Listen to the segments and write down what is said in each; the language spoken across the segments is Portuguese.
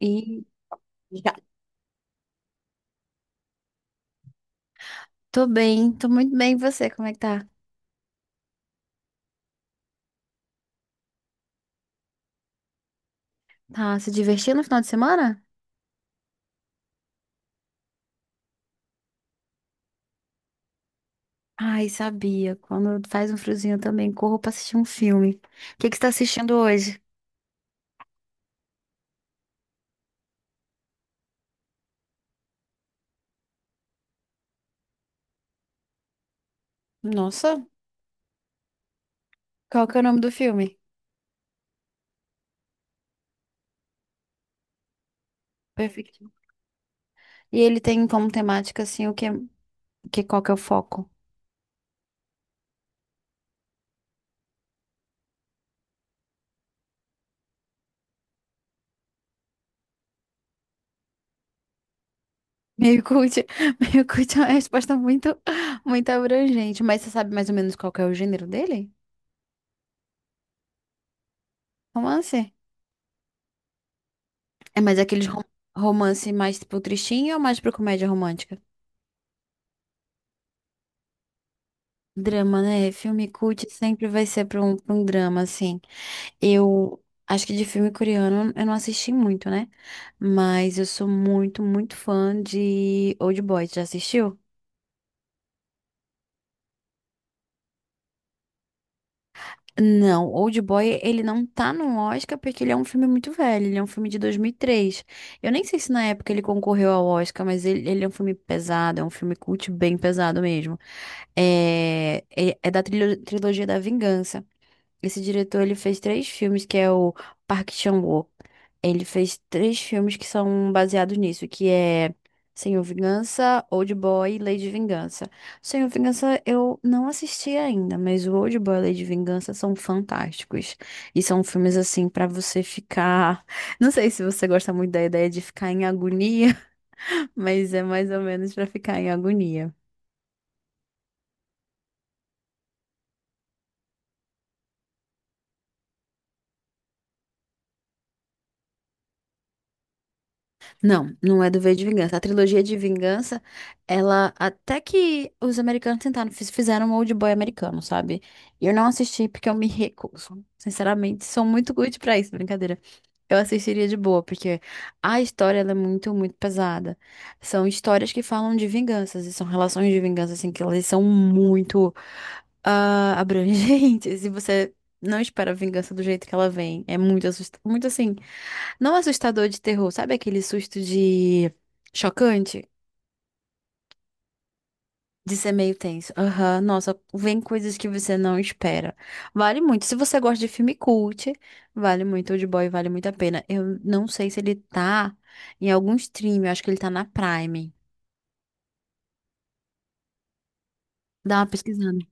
E já. Tô bem, tô muito bem. E você, como é que tá? Tá se divertindo no final de semana? Ai, sabia. Quando faz um friozinho eu também corro pra assistir um filme. O que que você tá assistindo hoje? Nossa, qual que é o nome do filme? Perfeito. E ele tem como temática, assim, que qual que é o foco? Meio cult, meio cult é uma resposta muito abrangente. Mas você sabe mais ou menos qual que é o gênero dele? Romance? É mais aqueles romance mais pro tristinho ou mais pro comédia romântica? Drama, né? Filme cult sempre vai ser pra um drama, assim. Eu acho que de filme coreano eu não assisti muito, né? Mas eu sou muito fã de Old Boy. Já assistiu? Não, Old Boy, ele não tá no Oscar porque ele é um filme muito velho, ele é um filme de 2003. Eu nem sei se na época ele concorreu ao Oscar, mas ele é um filme pesado, é um filme cult bem pesado mesmo. É da trilogia da Vingança. Esse diretor, ele fez três filmes, que é o Park Chan-wook. Ele fez três filmes que são baseados nisso, que é Senhor Vingança, Old Boy e Lady Vingança. Senhor Vingança eu não assisti ainda, mas o Old Boy e Lady Vingança são fantásticos. E são filmes assim pra você ficar, não sei se você gosta muito da ideia de ficar em agonia, mas é mais ou menos pra ficar em agonia. Não, não é do V de Vingança. A trilogia de Vingança, ela até que os americanos tentaram, fizeram um old boy americano, sabe? E eu não assisti porque eu me recuso. Sinceramente, sou muito good pra isso, brincadeira. Eu assistiria de boa, porque a história ela é muito pesada. São histórias que falam de vinganças e são relações de vingança assim que elas são muito abrangentes. E você não espera a vingança do jeito que ela vem. É muito assustador. Muito assim. Não assustador de terror, sabe aquele susto de chocante? De ser meio tenso. Aham, nossa, vem coisas que você não espera. Vale muito. Se você gosta de filme cult, vale muito. Old Boy vale muito a pena. Eu não sei se ele tá em algum stream, eu acho que ele tá na Prime. Dá uma pesquisando.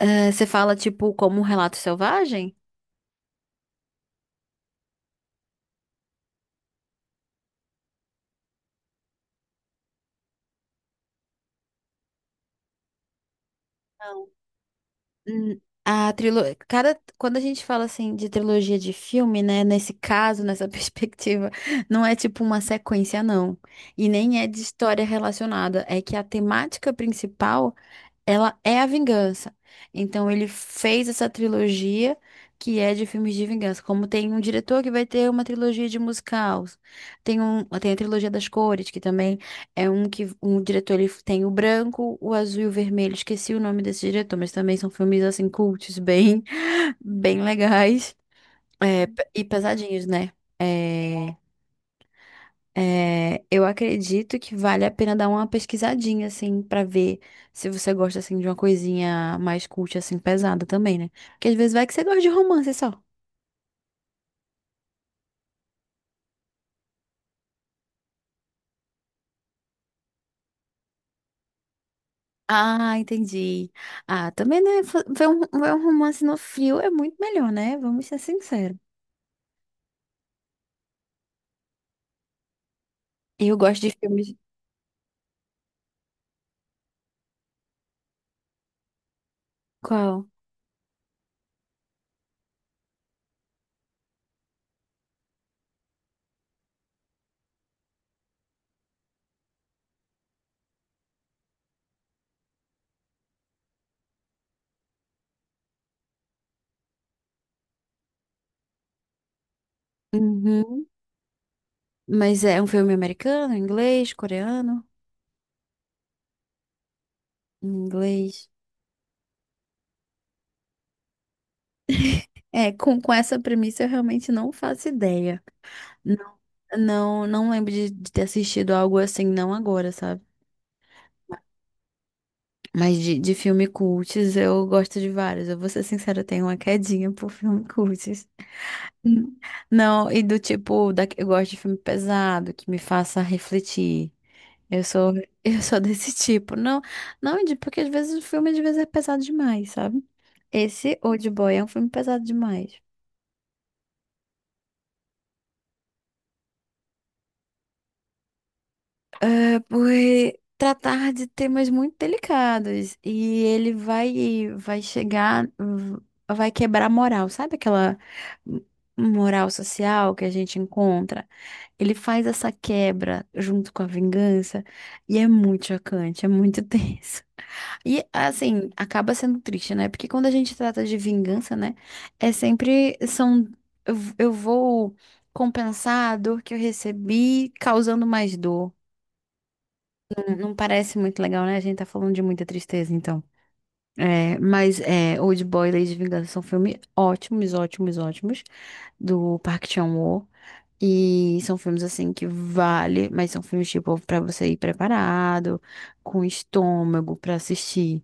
Eh, você fala, tipo, como um relato selvagem? Hum, A trilogia, cada quando a gente fala assim de trilogia de filme, né, nesse caso, nessa perspectiva, não é tipo uma sequência, não. E nem é de história relacionada, é que a temática principal ela é a vingança. Então ele fez essa trilogia que é de filmes de vingança. Como tem um diretor que vai ter uma trilogia de musicais, tem a trilogia das cores, que também é um que um diretor ele tem o branco, o azul e o vermelho. Esqueci o nome desse diretor, mas também são filmes assim cultos, bem bem legais, é, e pesadinhos, né? É, é, eu acredito que vale a pena dar uma pesquisadinha, assim, pra ver se você gosta, assim, de uma coisinha mais cult, assim, pesada também, né? Porque às vezes vai que você gosta de romance só. Ah, entendi. Ah, também, né? Ver ver um romance no frio é muito melhor, né? Vamos ser sinceros. Eu gosto de filmes. Qual? Uhum. Mas é um filme americano, inglês, coreano? Inglês. É, com essa premissa eu realmente não faço ideia. Não, não lembro de ter assistido algo assim, não agora, sabe? Mas de filme cults eu gosto de vários. Eu vou ser sincera, eu tenho uma quedinha por filme cults. Hum. Não, e do tipo, eu gosto de filme pesado, que me faça refletir. Eu sou, eu sou desse tipo. Não, não, de- Porque às vezes o filme às vezes é pesado demais, sabe? Esse Old Boy é um filme pesado demais. É por tratar de temas muito delicados e ele vai chegar, vai quebrar a moral, sabe aquela m- moral social que a gente encontra? Ele faz essa quebra junto com a vingança e é muito chocante, é muito tenso. E assim, acaba sendo triste, né? Porque quando a gente trata de vingança, né, é sempre são eu vou compensar a dor que eu recebi causando mais dor. Não parece muito legal, né? A gente tá falando de muita tristeza, então. É, mas é, Old Boy e Lady Vingança são filmes ótimos, do Park Chan-wook. E são filmes, assim, que vale, mas são filmes, tipo, pra você ir preparado, com estômago pra assistir.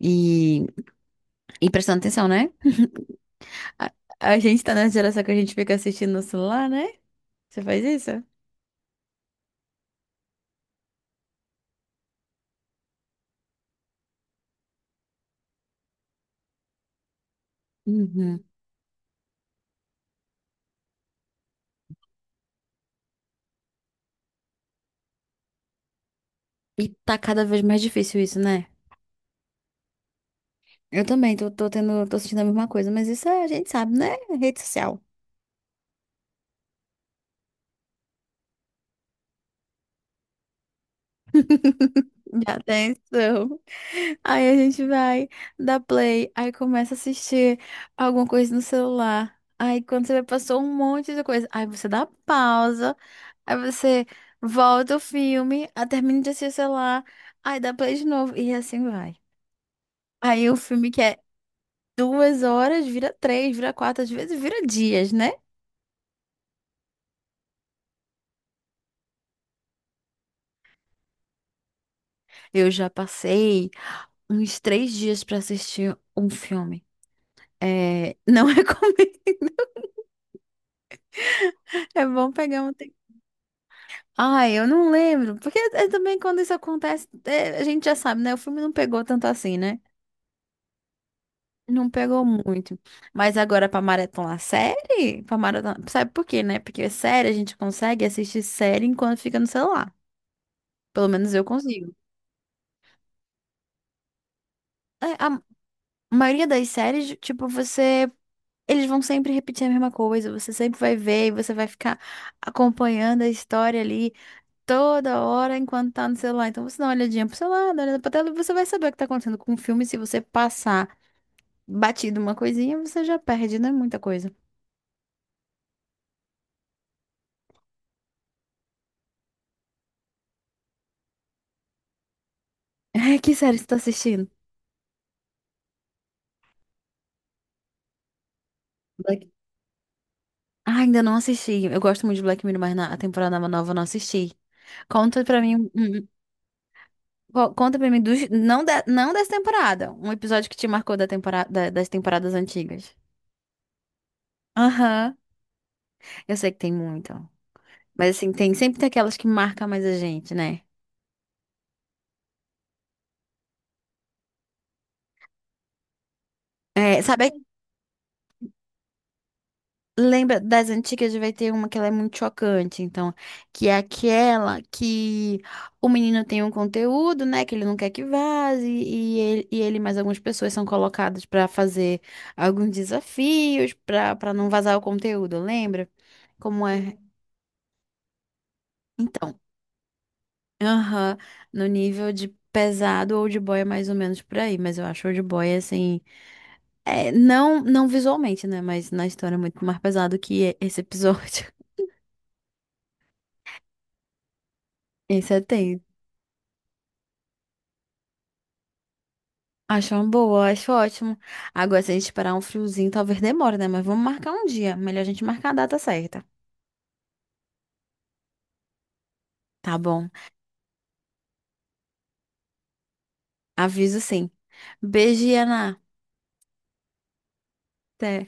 E, e prestando atenção, né? A, a gente tá nessa geração que a gente fica assistindo no celular, né? Você faz isso? Uhum. E tá cada vez mais difícil isso, né? Eu também tô sentindo a mesma coisa, mas isso a gente sabe, né? Rede social. Já atenção. Aí a gente vai, dá play, aí começa a assistir alguma coisa no celular. Aí quando você vê, passou um monte de coisa. Aí você dá pausa, aí você volta o filme, aí termina de assistir o celular, aí dá play de novo e assim vai. Aí o filme que é duas horas vira três, vira quatro, às vezes vira dias, né? Eu já passei uns três dias pra assistir um filme. É, não recomendo. É bom pegar um tempo. Ai, eu não lembro. Porque também quando isso acontece, é, a gente já sabe, né? O filme não pegou tanto assim, né? Não pegou muito. Mas agora pra maratonar série, pra maratonar, sabe por quê, né? Porque série a gente consegue assistir série enquanto fica no celular. Pelo menos eu consigo. É, a maioria das séries, tipo, você eles vão sempre repetir a mesma coisa, você sempre vai ver e você vai ficar acompanhando a história ali toda hora enquanto tá no celular. Então você dá uma olhadinha pro seu lado, olha pra tela, e você vai saber o que tá acontecendo com o filme. Se você passar batido uma coisinha, você já perde, não é muita coisa. É, que série você tá assistindo? Black... Ah, ainda não assisti. Eu gosto muito de Black Mirror, mas a temporada nova eu não assisti. Conta pra mim, conta pra mim dos, não, da, não dessa temporada, um episódio que te marcou da temporada, das temporadas antigas. Aham. Eu sei que tem muito. Mas assim, tem aquelas que marcam mais a gente, né? É, sabe, é, lembra das antigas, vai ter uma que ela é muito chocante, então, que é aquela que o menino tem um conteúdo, né, que ele não quer que vaze, e ele mais algumas pessoas são colocadas pra fazer alguns desafios pra para não vazar o conteúdo, lembra? Como é? Então, aham, no nível de pesado, old boy é mais ou menos por aí, mas eu acho old boy assim é, não, não visualmente, né? Mas na história é muito mais pesado que esse episódio. Esse é tenso. Acho uma boa, acho ótimo. Agora, se a gente esperar um friozinho, talvez demore, né? Mas vamos marcar um dia. Melhor a gente marcar a data certa. Tá bom. Aviso sim. Beijo, Ana. Até.